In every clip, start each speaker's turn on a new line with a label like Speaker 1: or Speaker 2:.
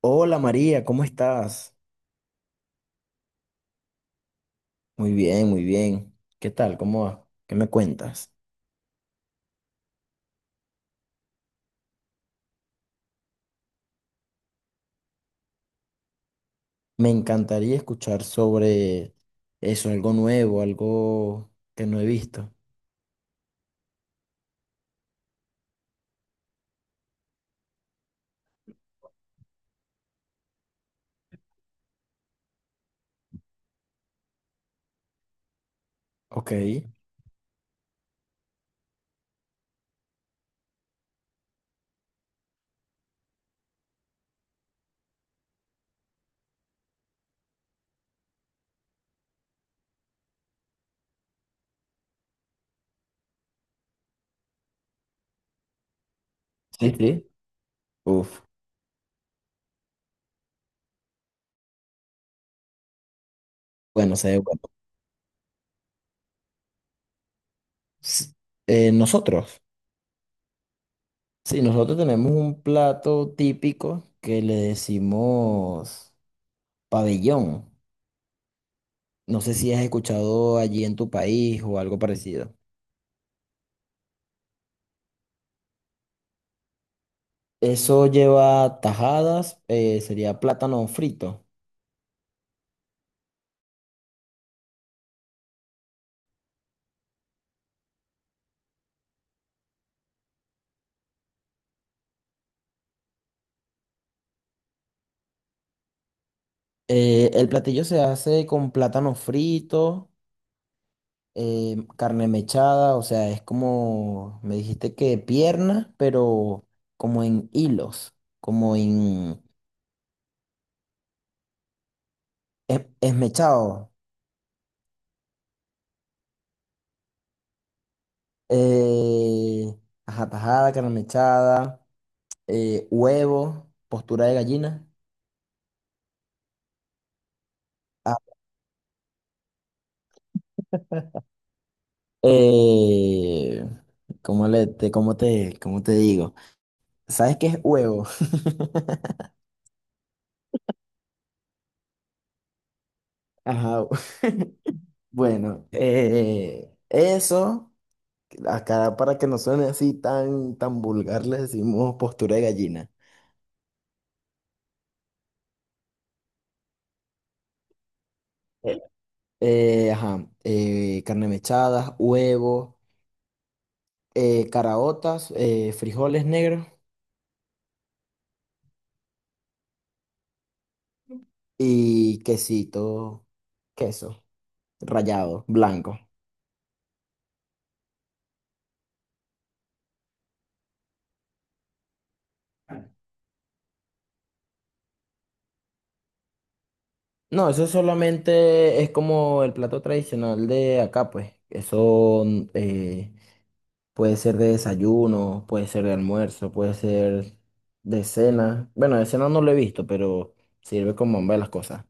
Speaker 1: Hola María, ¿cómo estás? Muy bien, muy bien. ¿Qué tal? ¿Cómo va? ¿Qué me cuentas? Me encantaría escuchar sobre eso, algo nuevo, algo que no he visto. Ok. Sí, sí. Uf. Bueno, se ve bueno. S- Nosotros. Sí, nosotros tenemos un plato típico que le decimos pabellón. No sé si has escuchado allí en tu país o algo parecido. Eso lleva tajadas, sería plátano frito. El platillo se hace con plátano frito, carne mechada, o sea, es como, me dijiste que pierna, pero como en hilos, como en esmechado. Eh, ajá, tajada, carne mechada, huevo, postura de gallina. Ah, eh, ¿Cómo cómo cómo te digo? ¿Sabes qué es huevo? Ajá, bueno, eso. Acá para que no suene así tan vulgar, le decimos postura de gallina. Eh, ajá, carne mechada, huevos, caraotas, frijoles negros y quesito, queso rallado, blanco. No, eso solamente es como el plato tradicional de acá, pues. Eso eh, Puede ser de desayuno, puede ser de almuerzo, puede ser de cena. Bueno, de cena no lo he visto, pero sirve como ambas las cosas.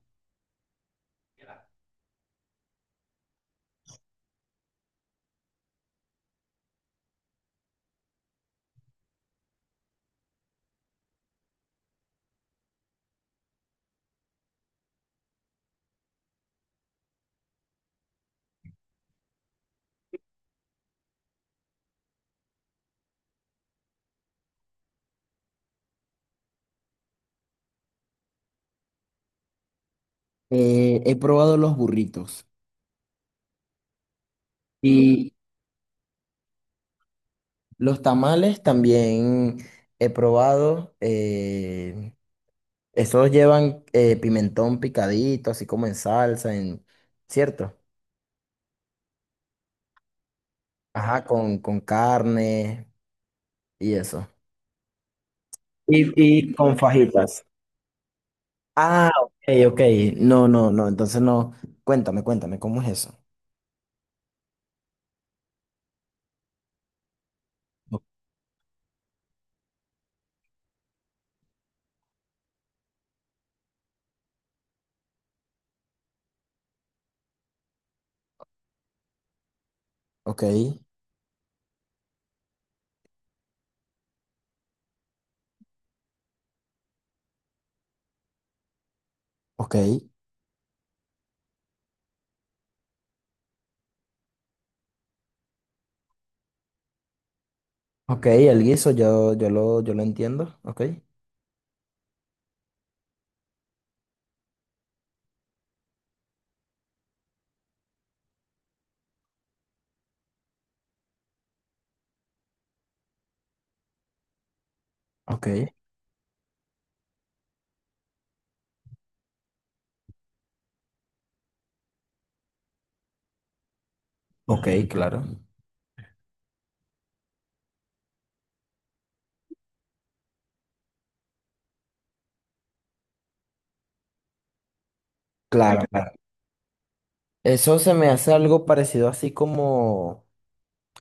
Speaker 1: He probado los burritos y los tamales también he probado. Esos llevan pimentón picadito, así como en salsa, ¿cierto? Ajá, con carne y eso. Y, y con fajitas. Ah, ok, ok. No, no, no. Entonces no. Cuéntame, cuéntame, ¿cómo es eso? O- Ok, ok. Ok, el guiso yo lo entiendo. Ok, ok, ok, claro. Claro, claro. Eso se me hace algo parecido así como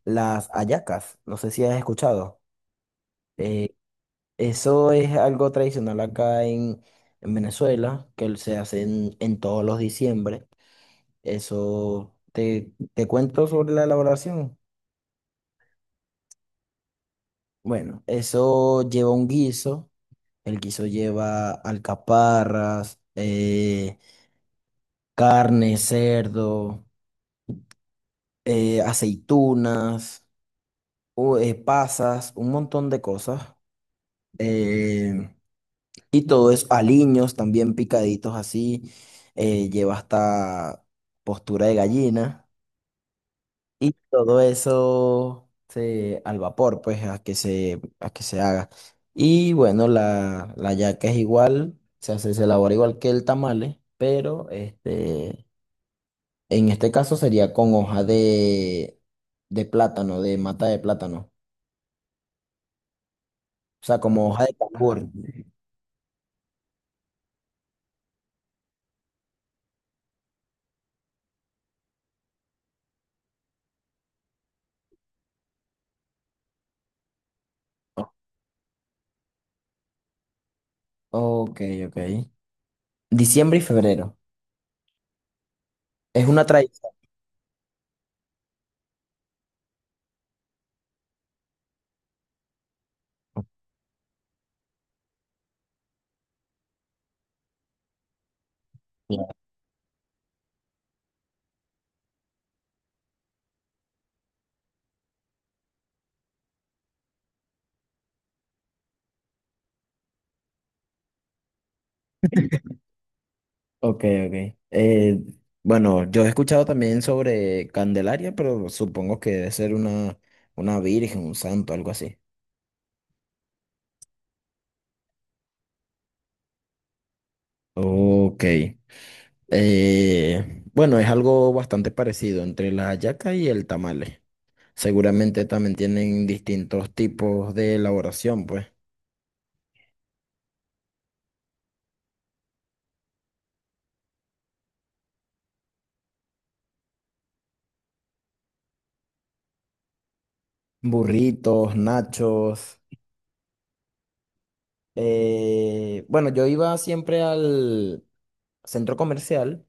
Speaker 1: las hallacas. No sé si has escuchado. Eh, eso es algo tradicional acá en Venezuela, que se hace en todos los diciembre. Te cuento sobre la elaboración. Bueno, eso lleva un guiso. El guiso lleva alcaparras, carne, cerdo, aceitunas, pasas, un montón de cosas. eh, y todo eso, aliños también picaditos así. Lleva hasta postura de gallina. Y todo eso se, al vapor, pues, a que a que se haga. Y bueno, la yaca es igual, se hace, se elabora igual que el tamale, pero este, en este caso sería con hoja de plátano, de mata de plátano. O sea, como hoja de. Ah, cambur. Ok, ok. Diciembre y febrero. Es una tradición. Ok, ok. Bueno, yo he escuchado también sobre Candelaria, pero supongo que debe ser una virgen, un santo, algo así. Ok. Bueno, es algo bastante parecido entre la hallaca y el tamale. Seguramente también tienen distintos tipos de elaboración, pues. Burritos, nachos. Bueno, yo iba siempre al centro comercial.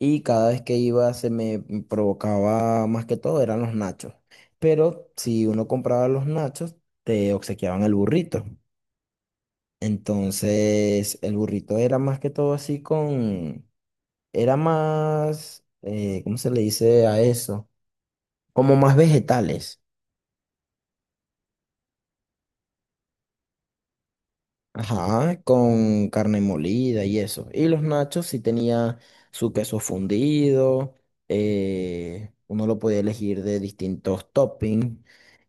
Speaker 1: Y cada vez que iba se me provocaba más que todo eran los nachos. Pero si uno compraba los nachos, te obsequiaban el burrito. Entonces el burrito era más que todo así con, era más, ¿cómo se le dice a eso? Como más vegetales. Ajá, con carne molida y eso. Y los nachos sí tenía su queso fundido, uno lo podía elegir de distintos toppings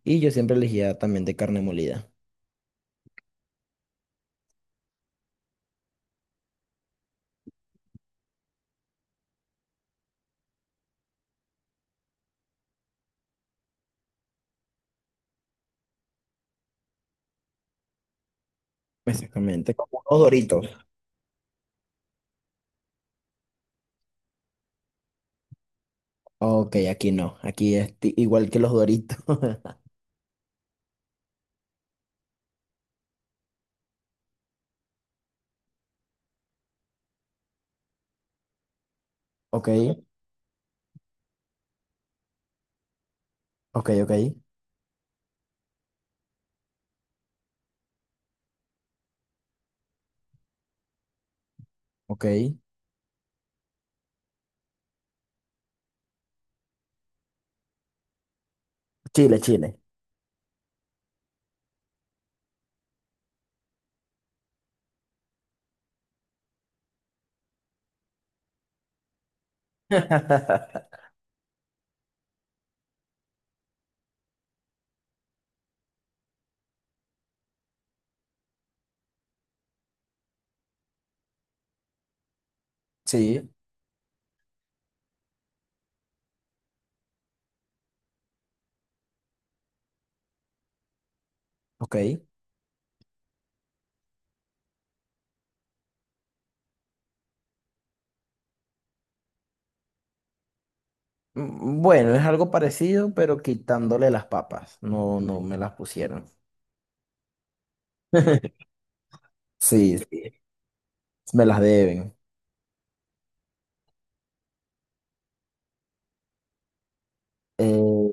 Speaker 1: y yo siempre elegía también de carne molida. Exactamente, como los Doritos. Ok, aquí no, aquí es igual que los Doritos. Ok, ok, ok, ok. Chile, Chile. Sí, ok. Mm, bueno, es algo parecido, pero quitándole las papas. No, no me las pusieron. Sí, sí. Me las deben. Eh,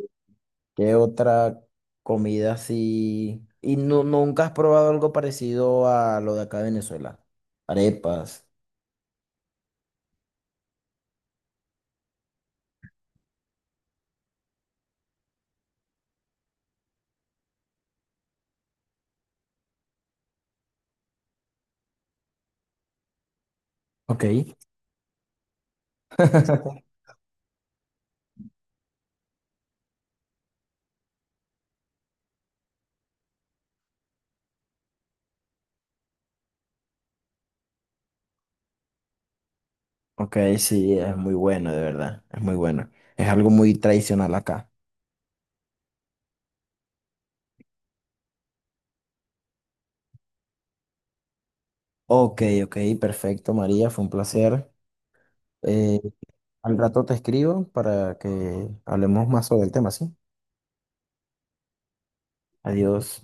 Speaker 1: ¿Qué otra comida así? Y no, nunca has probado algo parecido a lo de acá de Venezuela. Arepas. Ok. Ok, sí, es muy bueno, de verdad. Es muy bueno. Es algo muy tradicional acá. Ok, ok, perfecto, María. Fue un placer. Eh, al rato te escribo para que hablemos más sobre el tema, ¿sí? Adiós.